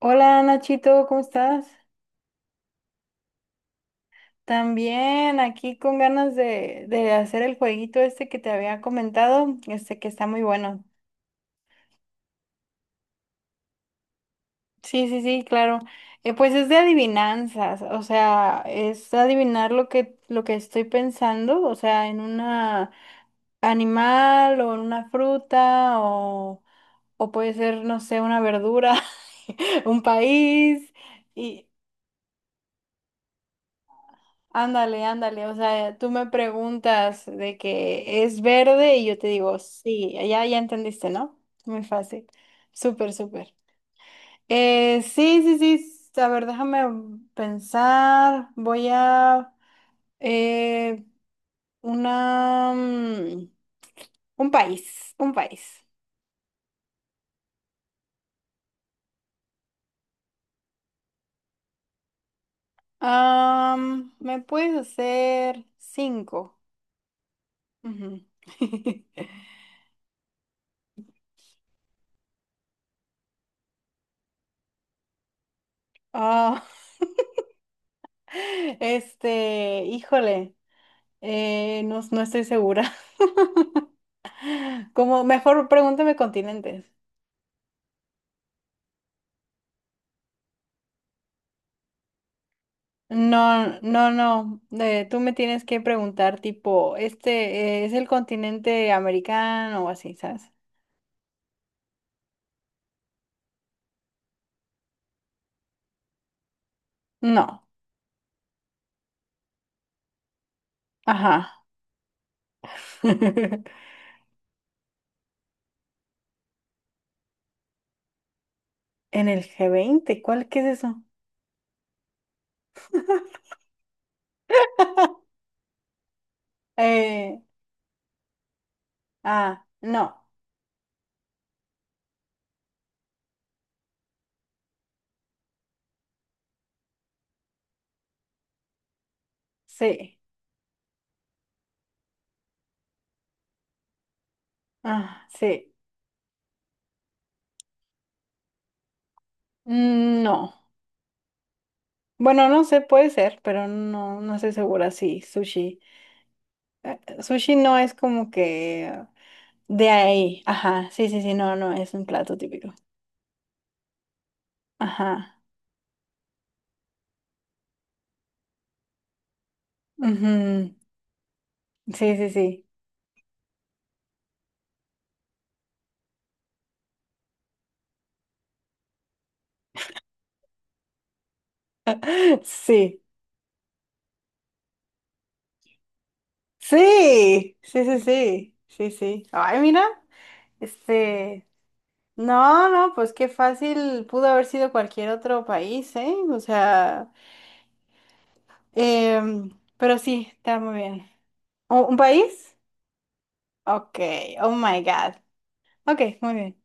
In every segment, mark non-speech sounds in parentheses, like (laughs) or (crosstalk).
Hola Nachito, ¿cómo estás? También aquí con ganas de hacer el jueguito este que te había comentado, este que está muy bueno. Sí, sí, sí, claro. Pues es de adivinanzas, o sea, es adivinar lo que estoy pensando, o sea, en una animal o en una fruta o puede ser, no sé, una verdura, (laughs) un país. Ándale, ándale, o sea, tú me preguntas de que es verde y yo te digo, sí, ya entendiste, ¿no? Muy fácil, súper, súper. Sí, sí, sí, a ver, déjame pensar, voy a eh, una, mm, un país, un país. ¿Me puedes hacer cinco? Ujú. (laughs) Ah, (laughs) este, híjole, no, no estoy segura. Como mejor pregúntame continentes. No, no, no. Tú me tienes que preguntar tipo, ¿este es el continente americano? O así, ¿sabes? No. Ajá. (laughs) ¿En el G20? ¿Cuál Qué es eso? Eh, no. Sí. Ah, sí. No. Bueno, no sé, puede ser, pero no, no estoy segura. Sí, sushi. Sushi no es como que de ahí. Ajá. Sí, sí, sí, no, no, es un plato típico. Ajá. Ujú, sí, sí, sí. (laughs) Sí. Sí. Sí, sí, sí. Sí, sí. Ay, mira. Este. No, no, pues qué fácil pudo haber sido cualquier otro país, ¿eh? O sea. em, pero sí, está muy bien. ¿Un país? Ok. Oh my God. Ok, muy bien.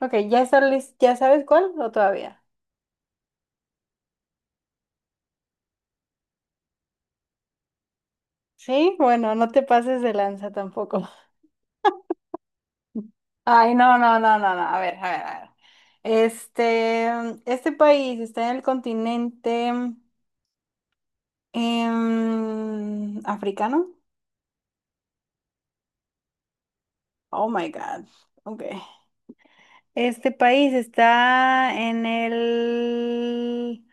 Ok, ¿ya sabes cuál o todavía? Sí, bueno, no te pases de lanza tampoco. Ay, no, no, no, no, no. A ver, a ver, a ver. Este, este país está en el continente africano. Oh my God. Ok. Este país está en el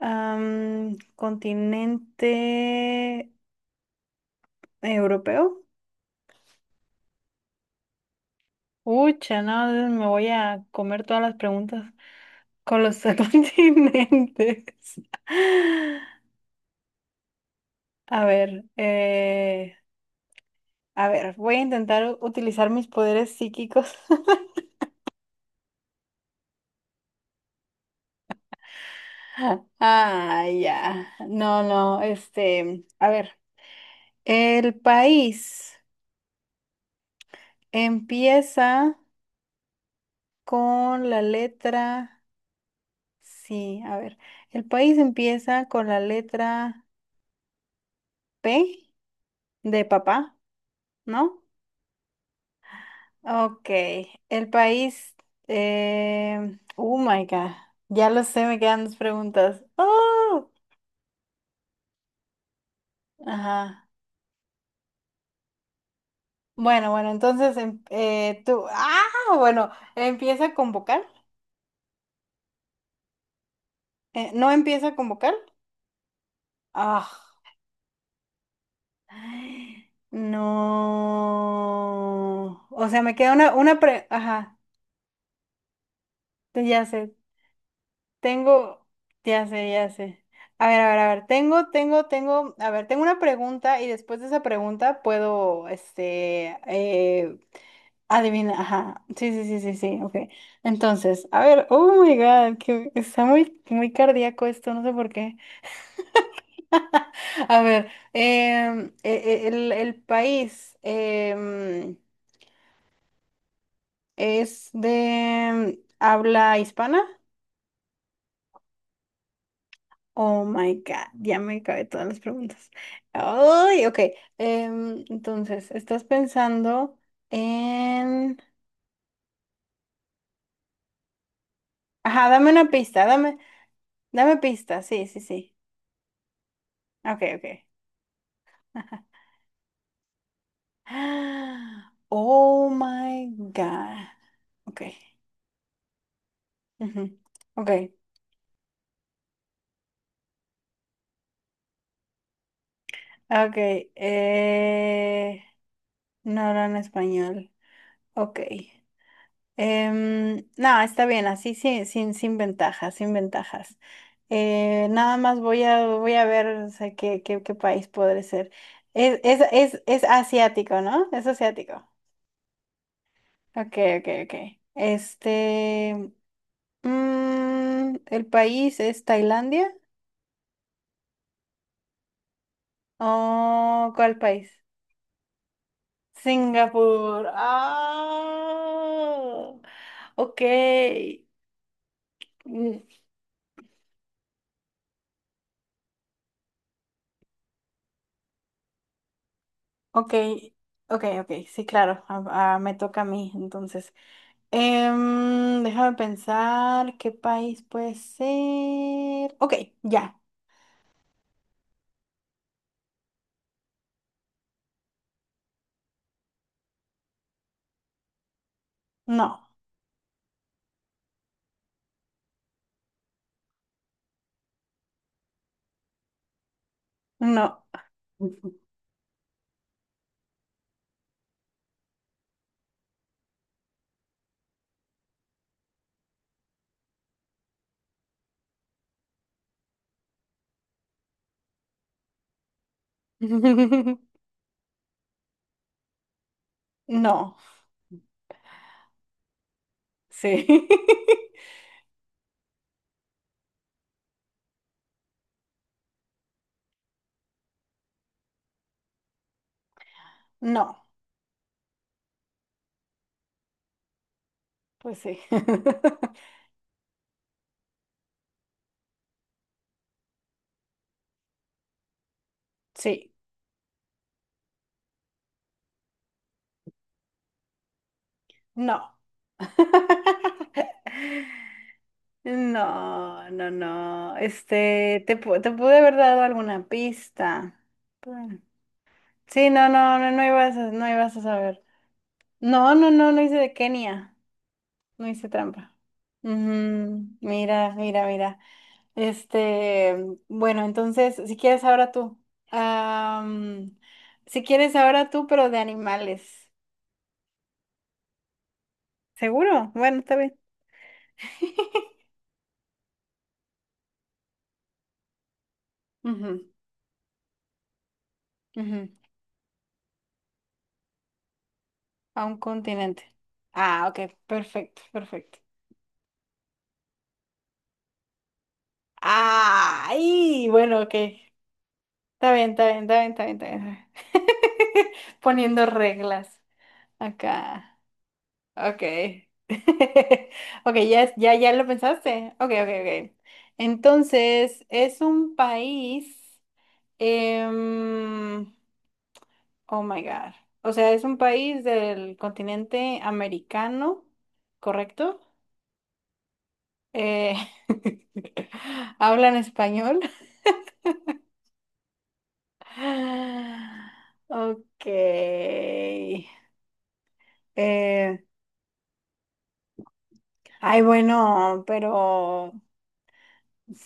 continente europeo. Ucha, no, me voy a comer todas las preguntas con los (laughs) continentes. A ver, eh, A ver, voy a intentar utilizar mis poderes psíquicos. (laughs) Ah, ya. No, no, este, a ver. El país empieza con la letra, sí, a ver. El país empieza con la letra P de papá, ¿no? Ok. El país, oh my God. Ya lo sé, me quedan dos preguntas. ¡Oh! Ajá. Bueno, bueno, entonces ah, bueno, empieza con vocal. ¿No empieza con vocal? Ah, ay, no. O sea, me queda una pre... Ajá, ya sé, tengo, ya sé, ya sé. A ver, a ver, a ver, tengo, a ver, tengo una pregunta y después de esa pregunta puedo, Adivina, ajá. Sí, sí, sí, sí, sí, ok. Entonces, a ver, oh my God, que está muy, muy cardíaco esto, no sé por qué. (laughs) A ver, el país es de habla hispana. Oh my God, ya me cabe todas las preguntas. Ay, ok. Entonces, estás pensando en... Ajá, dame una pista, dame pista, sí, sí, sí. Ok, ok. (laughs) (gasps) Oh my God. Okay. Ujú. Okay. Okay. No hablan español. Okay. No, está bien, así sin ventajas, sin ventajas. Nada más voy a, voy a ver, o sea, qué país podré ser. Es asiático, ¿no? Es asiático. Okay, okay, okay. Este, el país es Tailandia. Oh, ¿cuál país? Singapur. Ah, ok. Mm, Ok, ok, ok. Sí, claro. Ah, me toca a mí, entonces. Déjame pensar qué país puede ser. Ok, ya. No, no. (laughs) No, sí. (laughs) No, pues sí. (laughs) Sí, no. (laughs) No, no, no. Este, te pude haber dado alguna pista. Bueno. Sí, no, no, no, no ibas a saber. No, no, no, no hice de Kenia. No hice trampa. Ujú, mira, mira, mira. Este, bueno, entonces, si quieres ahora tú. Am, si quieres ahora tú, pero de animales. ¿Seguro? Bueno, está bien. (laughs) Ujú, ujú. A un continente. Ah, ok, perfecto, perfecto. Ay, bueno, ok. Está bien, está bien, está bien, está bien, está bien. (laughs) Poniendo reglas acá. Ok. (laughs) Ok, ya lo pensaste. Ok, ok, ok. Entonces, es un país. em, oh my God. O sea, es un país del continente americano, ¿correcto? Eh, (laughs) ¿Hablan español? (sighs) Ok. Eh, Ay, bueno, pero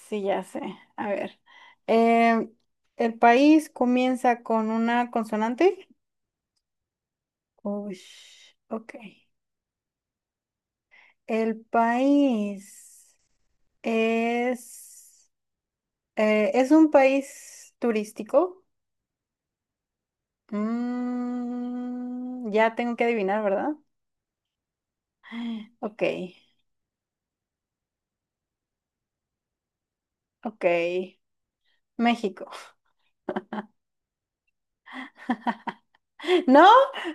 sí, ya sé. A ver. Eh, ¿El país comienza con una consonante? Uy, ok. El país es... ¿es un país turístico? Ya tengo que adivinar, ¿verdad? (gasps) (sighs) Ok, ok. México. No,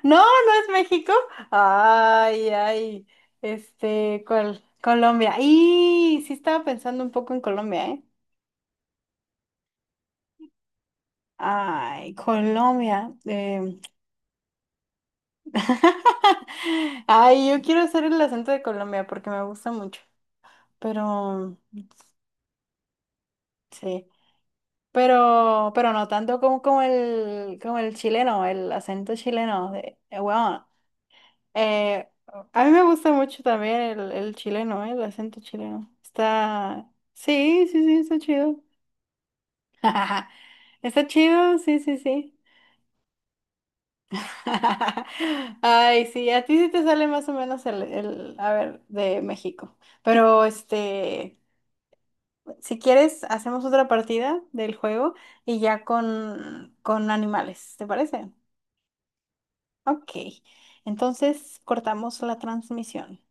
no, no es México. Ay, ay, este, ¿cuál? Colombia. Y sí estaba pensando un poco en Colombia, ¿eh? Ay, Colombia. (laughs) Ay, yo quiero hacer el acento de Colombia porque me gusta mucho, pero sí, pero no tanto como el chileno, el acento chileno de, wow. Eh, a mí me gusta mucho también el chileno, el acento chileno. Sí, sí, sí, está chido. (laughs) Está chido, sí, sí, sí. (laughs) Ay, sí, a ti sí te sale más o menos a ver, de México. Pero este, si quieres, hacemos otra partida del juego y ya con animales, ¿te parece? Ok, entonces cortamos la transmisión.